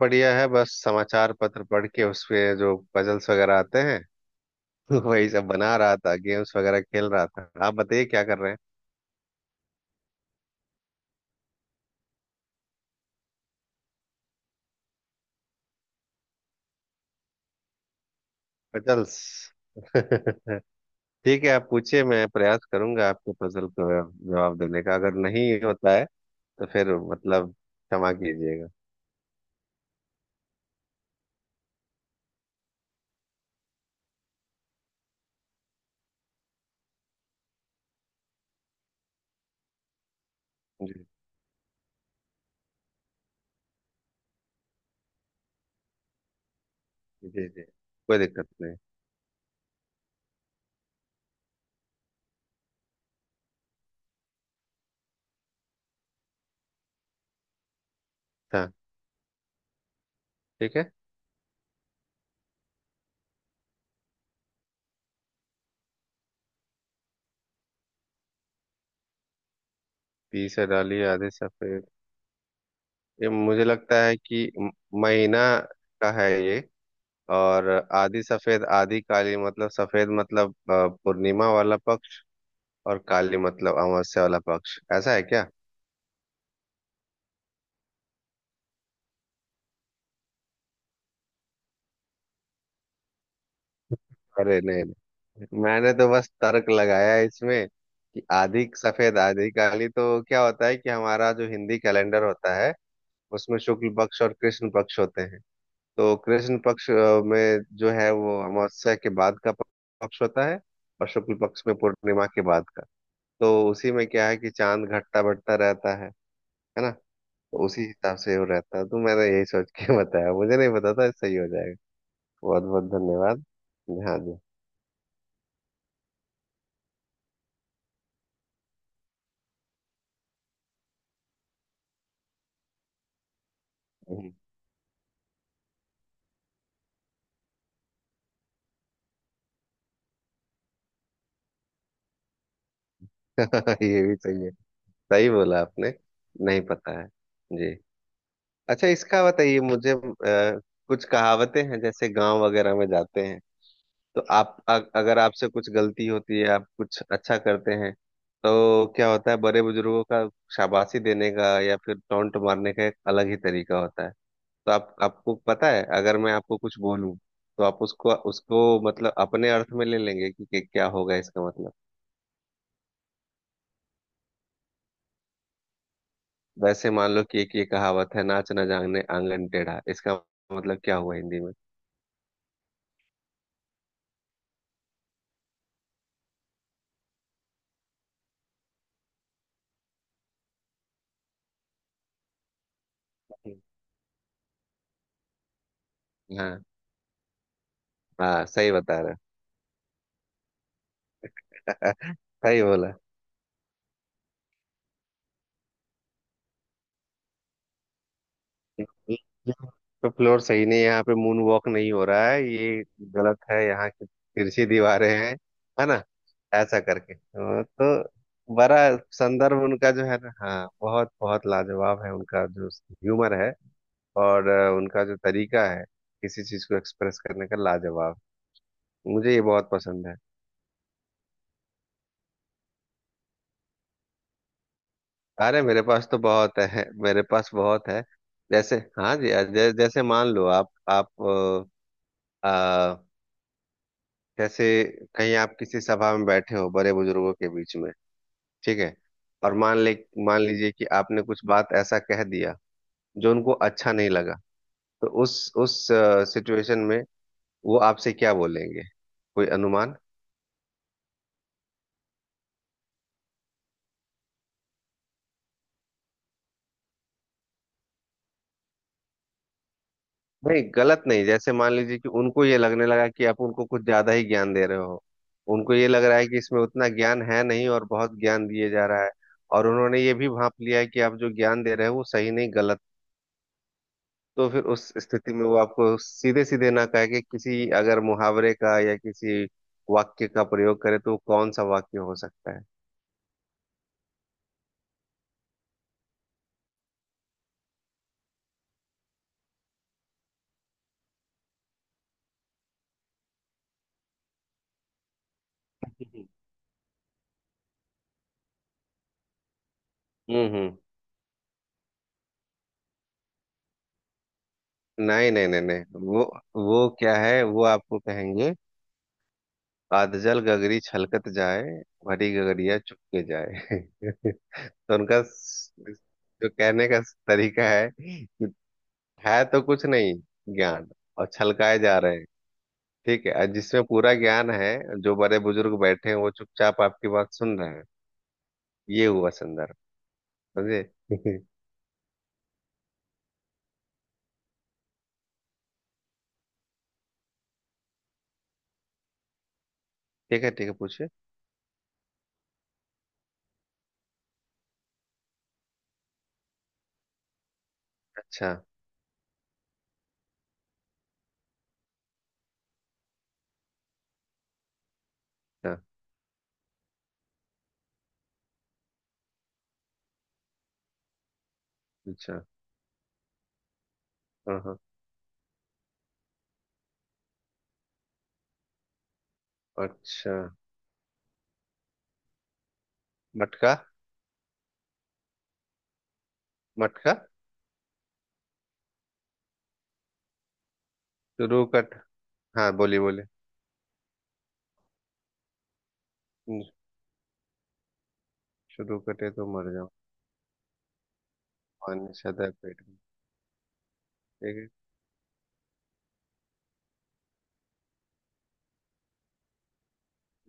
बढ़िया है। बस समाचार पत्र पढ़ के उसपे जो पजल्स वगैरह आते हैं वही सब बना रहा था, गेम्स वगैरह खेल रहा था। आप बताइए क्या कर रहे हैं? पजल्स? ठीक है, आप पूछिए। मैं प्रयास करूंगा आपके पजल को जवाब देने का। अगर नहीं होता है तो फिर मतलब क्षमा कीजिएगा। जी जी जी, कोई दिक्कत नहीं। हाँ, ठीक है। पी से डालिए आधे सफेद। ये मुझे लगता है कि महीना का है ये। और आधी सफेद आधी काली मतलब सफेद मतलब पूर्णिमा वाला पक्ष, और काली मतलब अमावस्या वाला पक्ष। ऐसा है क्या? अरे नहीं नहीं। मैंने तो बस तर्क लगाया है इसमें कि आधी सफेद आधी काली तो क्या होता है कि हमारा जो हिंदी कैलेंडर होता है, उसमें शुक्ल पक्ष और कृष्ण पक्ष होते हैं। तो कृष्ण पक्ष में जो है वो अमावस्या के बाद का पक्ष होता है, और शुक्ल पक्ष में पूर्णिमा के बाद का। तो उसी में क्या है कि चांद घटता बढ़ता रहता है ना। उसी हिसाब से वो रहता है। तो मैंने यही सोच के बताया। मुझे नहीं पता था सही हो जाएगा। बहुत बहुत धन्यवाद। हाँ जी। हम्म। ये भी सही है। सही बोला आपने। नहीं पता है। जी। अच्छा, इसका बताइए मुझे। कुछ कहावतें हैं जैसे गांव वगैरह में जाते हैं। तो आप अगर आपसे कुछ गलती होती है, आप कुछ अच्छा करते हैं, तो क्या होता है बड़े बुजुर्गों का शाबाशी देने का या फिर टोंट मारने का एक अलग ही तरीका होता है। तो आप, आपको पता है अगर मैं आपको कुछ बोलूं तो आप उसको उसको मतलब अपने अर्थ में ले लेंगे कि क्या होगा इसका मतलब। वैसे मान लो कि एक ये कहावत है, नाच न जाने आंगन टेढ़ा। इसका मतलब क्या हुआ हिंदी में? हाँ हाँ, सही बता रहे हो। सही बोला। तो फ्लोर सही नहीं है यहाँ पे, मून वॉक नहीं हो रहा है, ये गलत है, यहाँ की तिरछी दीवारें हैं, है ना, ऐसा करके। हाँ, तो बड़ा संदर्भ उनका जो है ना, हाँ, बहुत बहुत लाजवाब है उनका जो ह्यूमर है और उनका जो तरीका है किसी चीज को एक्सप्रेस करने का, लाजवाब। मुझे ये बहुत पसंद है। अरे मेरे पास तो बहुत है, मेरे पास बहुत है। जैसे हाँ जी, जैसे मान लो आप, जैसे कहीं आप किसी सभा में बैठे हो बड़े बुजुर्गों के बीच में, ठीक है, और मान ले, मान लीजिए कि आपने कुछ बात ऐसा कह दिया जो उनको अच्छा नहीं लगा, तो उस सिचुएशन में वो आपसे क्या बोलेंगे? कोई अनुमान? नहीं गलत नहीं, जैसे मान लीजिए कि उनको ये लगने लगा कि आप उनको कुछ ज्यादा ही ज्ञान दे रहे हो। उनको ये लग रहा है कि इसमें उतना ज्ञान है नहीं और बहुत ज्ञान दिए जा रहा है। और उन्होंने ये भी भांप लिया है कि आप जो ज्ञान दे रहे हो वो सही नहीं, गलत। तो फिर उस स्थिति में वो आपको सीधे सीधे ना कहे कि किसी अगर मुहावरे का या किसी वाक्य का प्रयोग करे तो वो कौन सा वाक्य हो सकता है? हम्म। हम्म। नहीं नहीं नहीं नहीं, वो क्या है, वो आपको कहेंगे, आदजल गगरी छलकत जाए, भरी गगरिया चुपके जाए। तो उनका जो कहने का तरीका है कि है तो कुछ नहीं ज्ञान, और छलकाए जा रहे हैं। ठीक है, और जिसमें पूरा ज्ञान है, जो बड़े बुजुर्ग बैठे हैं, वो चुपचाप आपकी बात सुन रहे हैं। ये हुआ संदर्भ। समझे? ठीक है। ठीक है, पूछिए। अच्छा अच्छा अच्छा। हाँ हाँ। अच्छा। मटका। मटका। शुरू कट, हाँ बोलिए बोलिए। हम्म। शुरू कटे तो मर जाओ, पानी सदा पेट में, ठीक है।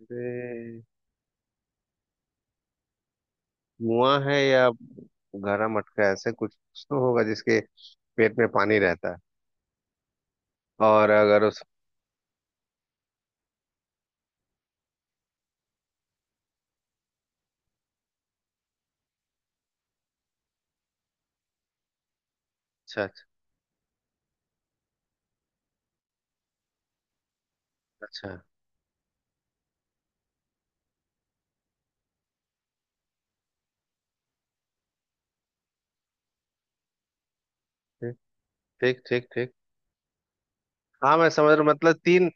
अरे, मुआ है, या गहरा मटका, ऐसे कुछ तो होगा जिसके पेट में पानी रहता है। और अगर उस, अच्छा अच्छा अच्छा, ठीक ठीक ठीक। ठीक, हाँ, मैं समझ रहा हूँ। मतलब तीन,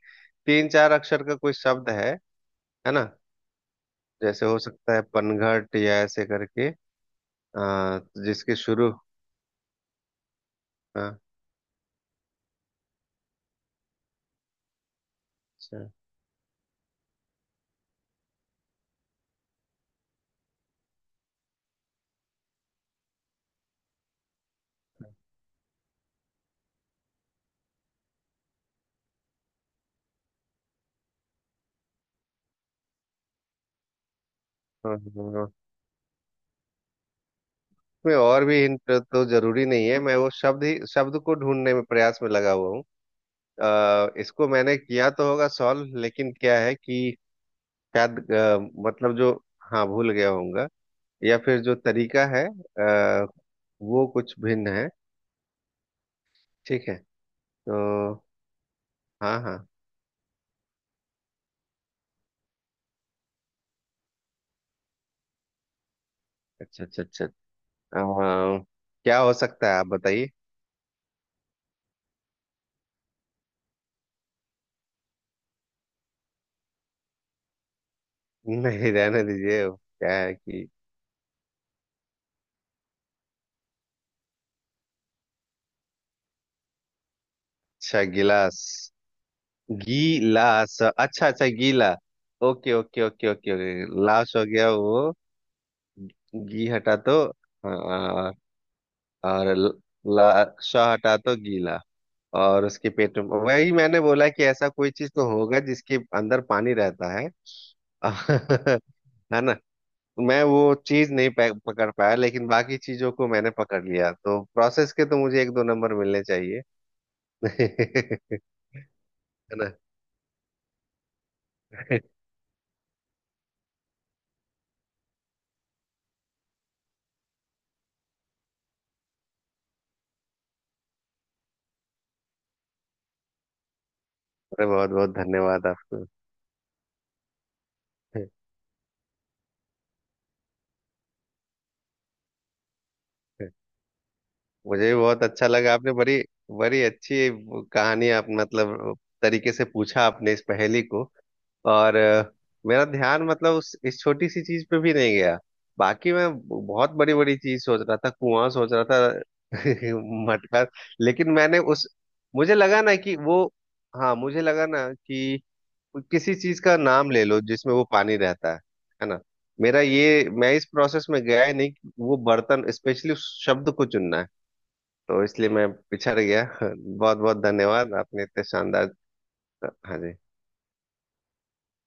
तीन चार अक्षर का कोई शब्द है ना। जैसे हो सकता है पनघट या ऐसे करके। आ, जिसके शुरू, हाँ, अच्छा, हाँ, हाँ, हाँ। में और भी हिंट तो जरूरी नहीं है, मैं वो शब्द ही, शब्द को ढूंढने में प्रयास में लगा हुआ हूँ। इसको मैंने किया तो होगा सॉल्व, लेकिन क्या है कि शायद मतलब जो, हाँ भूल गया होऊंगा, या फिर जो तरीका है वो कुछ भिन्न है। ठीक है। तो हाँ हाँ, अच्छा अच्छा अच्छा। अम, क्या हो सकता है आप बताइए? नहीं रहने दीजिए, क्या है कि, अच्छा गिलास, गिलास, अच्छा अच्छा, गीला। Okay okay okay okay okay, लाश हो गया वो। घी हटा तो, हाँ, और लाश हटा तो गीला, और उसके पेट में, वही मैंने बोला कि ऐसा कोई चीज तो होगा जिसके अंदर पानी रहता है। है ना। मैं वो चीज नहीं पकड़ पाया, लेकिन बाकी चीजों को मैंने पकड़ लिया, तो प्रोसेस के तो मुझे एक दो नंबर मिलने चाहिए। है ना। अरे, बहुत बहुत धन्यवाद आपको। मुझे भी बहुत अच्छा लगा, आपने बड़ी, बड़ी अच्छी कहानी, आप मतलब, तरीके से पूछा आपने इस पहेली को। और मेरा ध्यान मतलब उस, इस छोटी सी चीज पे भी नहीं गया। बाकी मैं बहुत बड़ी बड़ी चीज सोच रहा था, कुआं सोच रहा था, मटका। लेकिन मैंने उस, मुझे लगा ना कि वो, हाँ मुझे लगा ना कि किसी चीज का नाम ले लो जिसमें वो पानी रहता है ना। मेरा ये, मैं इस प्रोसेस में गया ही नहीं कि वो बर्तन स्पेशली उस शब्द को चुनना है, तो इसलिए मैं पिछड़ गया। बहुत बहुत धन्यवाद, आपने इतने शानदार। हाँ जी।